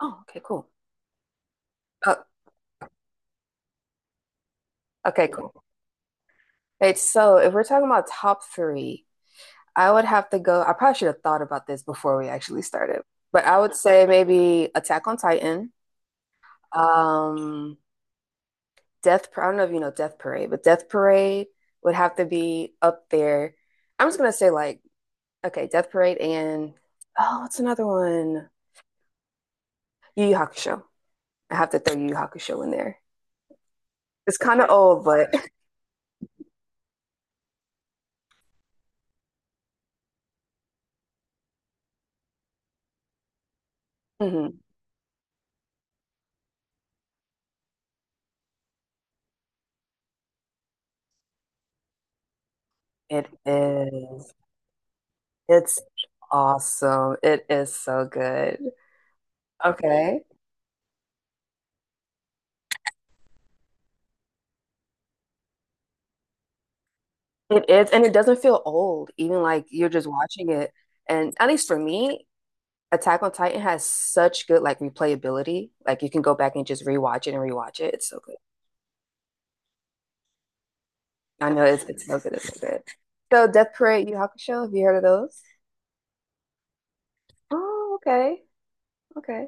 Oh, okay, cool. Uh, okay, cool. Wait, so if we're talking about top three, I would have to go. I probably should have thought about this before we actually started, but I would say maybe Attack on Titan, um, I don't know if you know Death Parade, but Death Parade would have to be up there. I'm just gonna say like, okay, Death Parade and oh, what's another one? Yu Yu Hakusho. I have to throw Yu Yu Hakusho in there. It's kind of old, but Mhm. It is. It's awesome. It is so good. Okay. It is, and it doesn't feel old, even like you're just watching it. And at least for me, Attack on Titan has such good like replayability. Like you can go back and just rewatch it and rewatch it. It's so good. I know it's so good. It's so good. So Death Parade, Yu Yu Hakusho, have you heard of those? Oh, okay. Okay.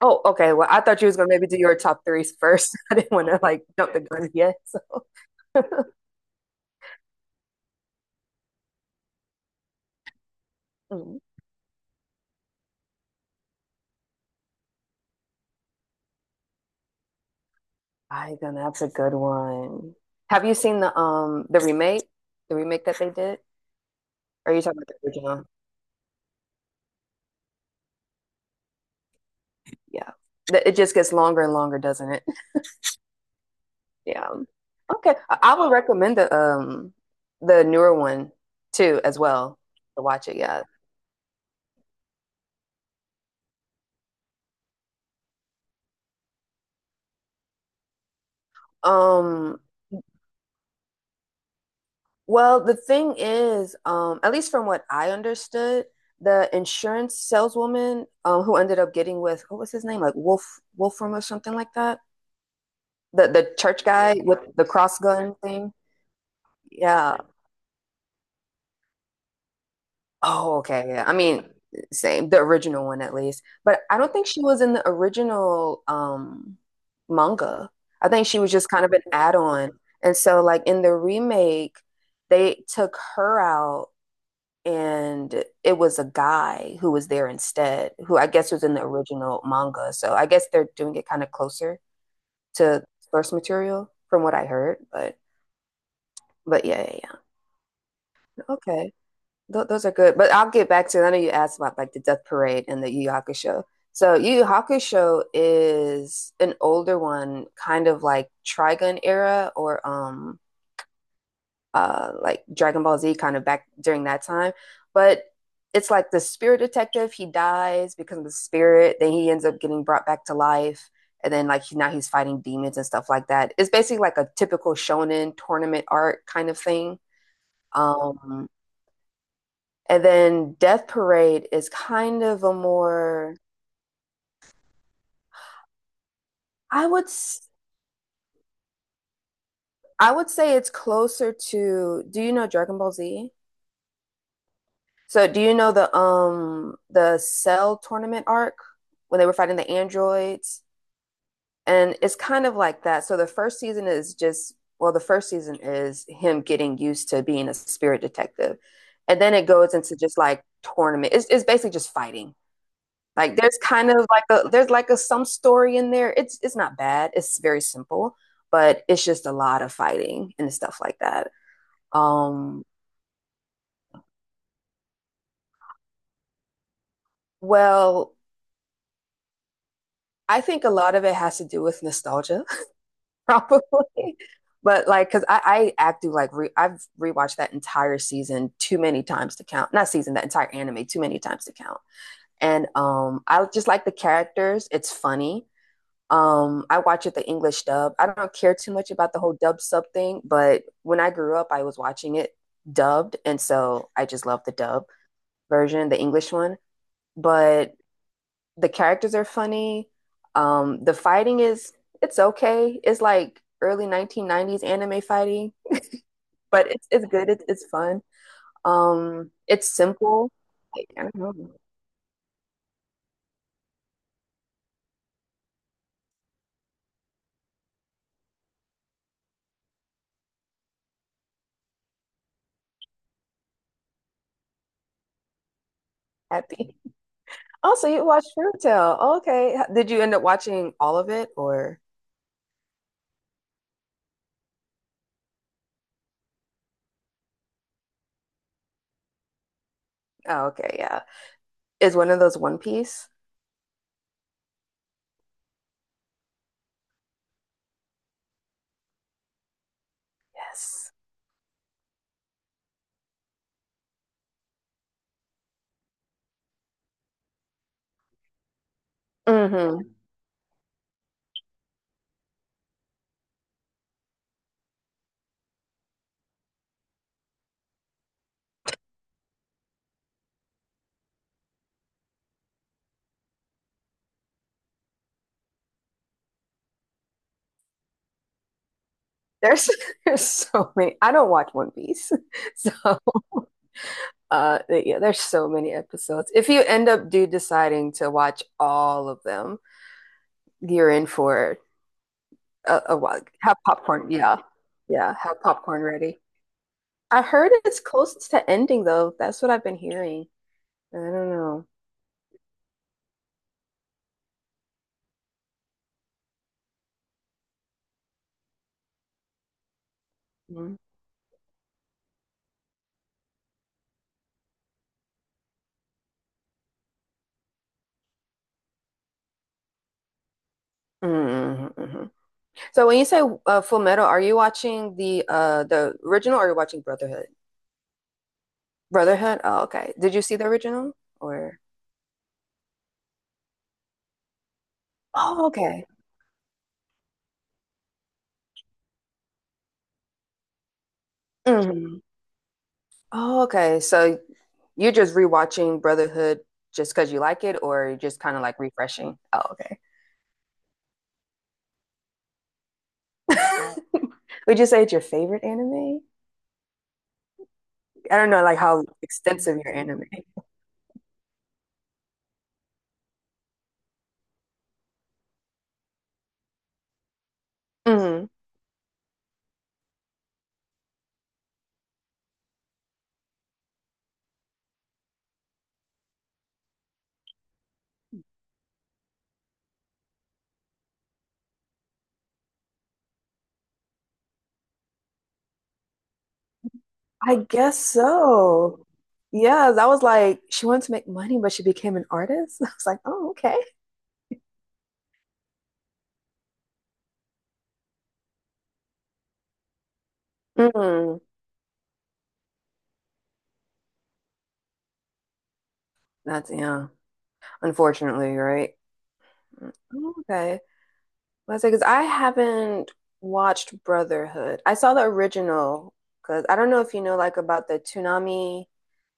Oh, okay. Well, I thought you was gonna maybe do your top threes first. I didn't want to like jump the gun yet. So Mhm. I then that's a good one. Have you seen the remake? The remake that they did? Or are you talking about the original? Yeah. It just gets longer and longer, doesn't it? Yeah. Okay. I would recommend the newer one too as well to watch it, yeah. Um well, the thing is, at least from what I understood, the insurance saleswoman who ended up getting with what was his name? Like Wolfram or something like that? The church guy with the cross gun thing. Yeah. Oh, okay. Yeah. I mean, same, the original one at least. But I don't think she was in the original manga. I think she was just kind of an add-on. And so like in the remake, they took her out and it was a guy who was there instead, who I guess was in the original manga. So I guess they're doing it kind of closer to source material from what I heard, but yeah, yeah, yeah. Okay. Th those are good. But I'll get back to I know you asked about like the Death Parade and the Yu Yu Hakusho. So Yu Yu Hakusho is an older one, kind of like Trigun era or like Dragon Ball Z kind of back during that time. But it's like the spirit detective, he dies, becomes a spirit, then he ends up getting brought back to life. And then like he, now he's fighting demons and stuff like that. It's basically like a typical shonen tournament art kind of thing. Um, and then Death Parade is kind of a more I would say it's closer to do you know Dragon Ball Z? So do you know the Cell tournament arc when they were fighting the androids? And it's kind of like that. So the first season is just well, the first season is him getting used to being a spirit detective. And then it goes into just like tournament. It's basically just fighting. Like there's kind of like a there's like a some story in there. It's not bad. It's very simple, but it's just a lot of fighting and stuff like that. Um, well, I think a lot of it has to do with nostalgia, probably. But like, cause I act do like re- I've rewatched that entire season too many times to count. Not season, that entire anime too many times to count. And I just like the characters. It's funny. I watch it the English dub. I don't care too much about the whole dub sub thing, but when I grew up, I was watching it dubbed, and so I just love the dub version, the English one. But the characters are funny. The fighting is it's okay. It's like early 1990s anime fighting, but it's good. It's fun. It's simple. I don't know. Happy. Also, you watched Fruitvale. Okay. Did you end up watching all of it or? Oh, okay. Yeah. Is one of those One Piece. Yes. Mm-hmm. There's there's so many. I don't watch One Piece, so yeah, there's so many episodes. If you end up do deciding to watch all of them, you're in for a while. Have popcorn, yeah, yeah. Have popcorn ready. I heard it's close to ending though. That's what I've been hearing. I don't know. Mhm. Mhm, mhm. So when you say Full Metal, are you watching the original or are you watching Brotherhood? Brotherhood? Oh, okay. Did you see the original or? Oh, okay. Hmm. Oh, okay. So you're just rewatching Brotherhood just because you like it, or you're just kind of like refreshing? Oh, okay. Would you say it's your favorite anime? I don't know, like how extensive your anime. Mhm. I guess so. Yeah, that was like she wanted to make money, but she became an artist. I was like, oh, okay. Mhm. That's yeah. Unfortunately, right? Mm. Okay. Well, I say, because I haven't watched Brotherhood. I saw the original because I don't know if you know like about the Toonami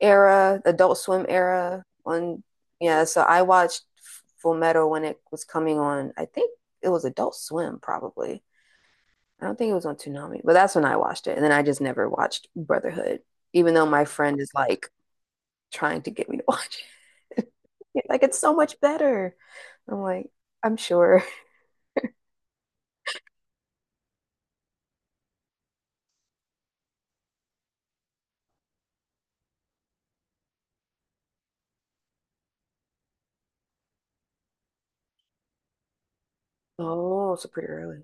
era, Adult Swim era. On yeah, so I watched Full Metal when it was coming on. I think it was Adult Swim probably. I don't think it was on Toonami, but that's when I watched it. And then I just never watched Brotherhood, even though my friend is like trying to get me to watch it. Like it's so much better. I'm like, I'm sure. Oh, so pretty early.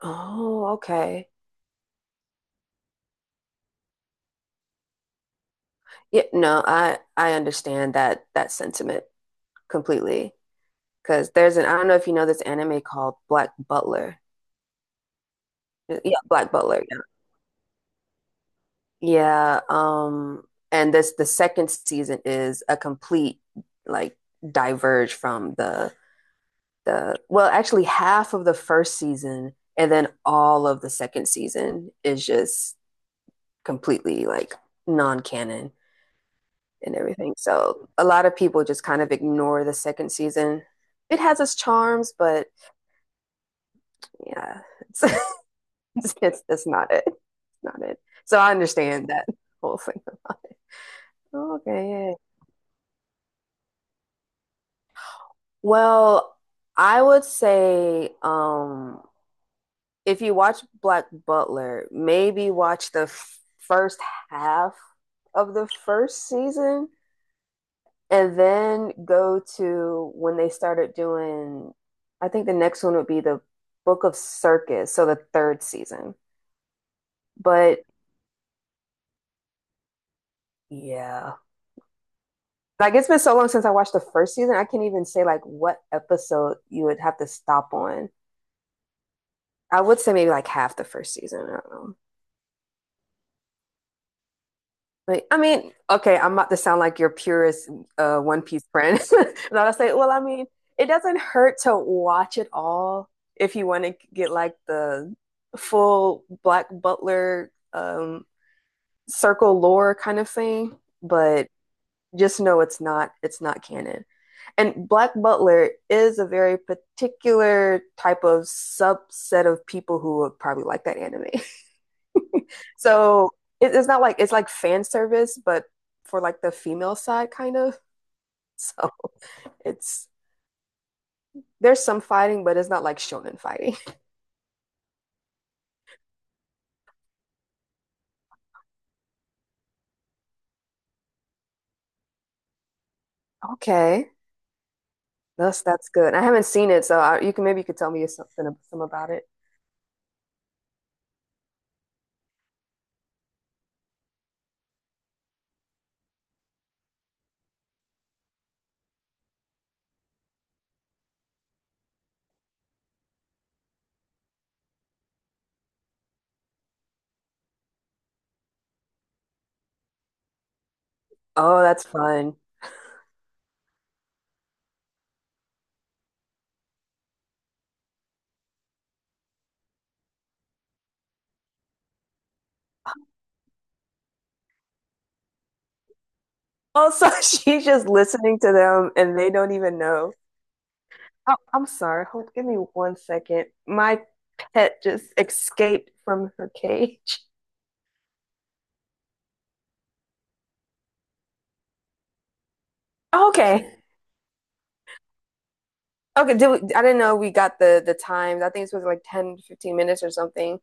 Oh, okay. Yeah, no, I understand that that sentiment completely. Because there's an I don't know if you know this anime called Black Butler. Yeah, Black Butler. Yeah. Yeah, and this the second season is a complete like diverge from the well, actually half of the first season and then all of the second season is just completely like non-canon. And everything. So a lot of people just kind of ignore the second season. It has its charms, but yeah, it's it's not it. It's not it. So I understand that whole thing about it. Okay. Well, I would say if you watch Black Butler, maybe watch the first half of the first season and then go to when they started doing, I think the next one would be the Book of Circus, so the third season. But yeah, like it's been so long since I watched the first season, I can't even say like what episode you would have to stop on. I would say maybe like half the first season. I don't know. Like, I mean, okay, I'm about to sound like your purest One Piece friend. And I'll say, well, I mean, it doesn't hurt to watch it all if you want to get like the full Black Butler circle lore kind of thing. But just know it's not canon. And Black Butler is a very particular type of subset of people who would probably like that anime. So it's not like it's like fan service, but for like the female side, kind of. So it's there's some fighting, but it's not like shonen fighting. Okay, that's good. I haven't seen it, so you can maybe you could tell me something some about it. Oh, that's fun. Also, she's just listening to them, and they don't even know. Oh, I'm sorry. Give me 1 second. My pet just escaped from her cage. Okay. Okay, I didn't know we got the times. I think it's supposed to be like 10, 15 minutes or something.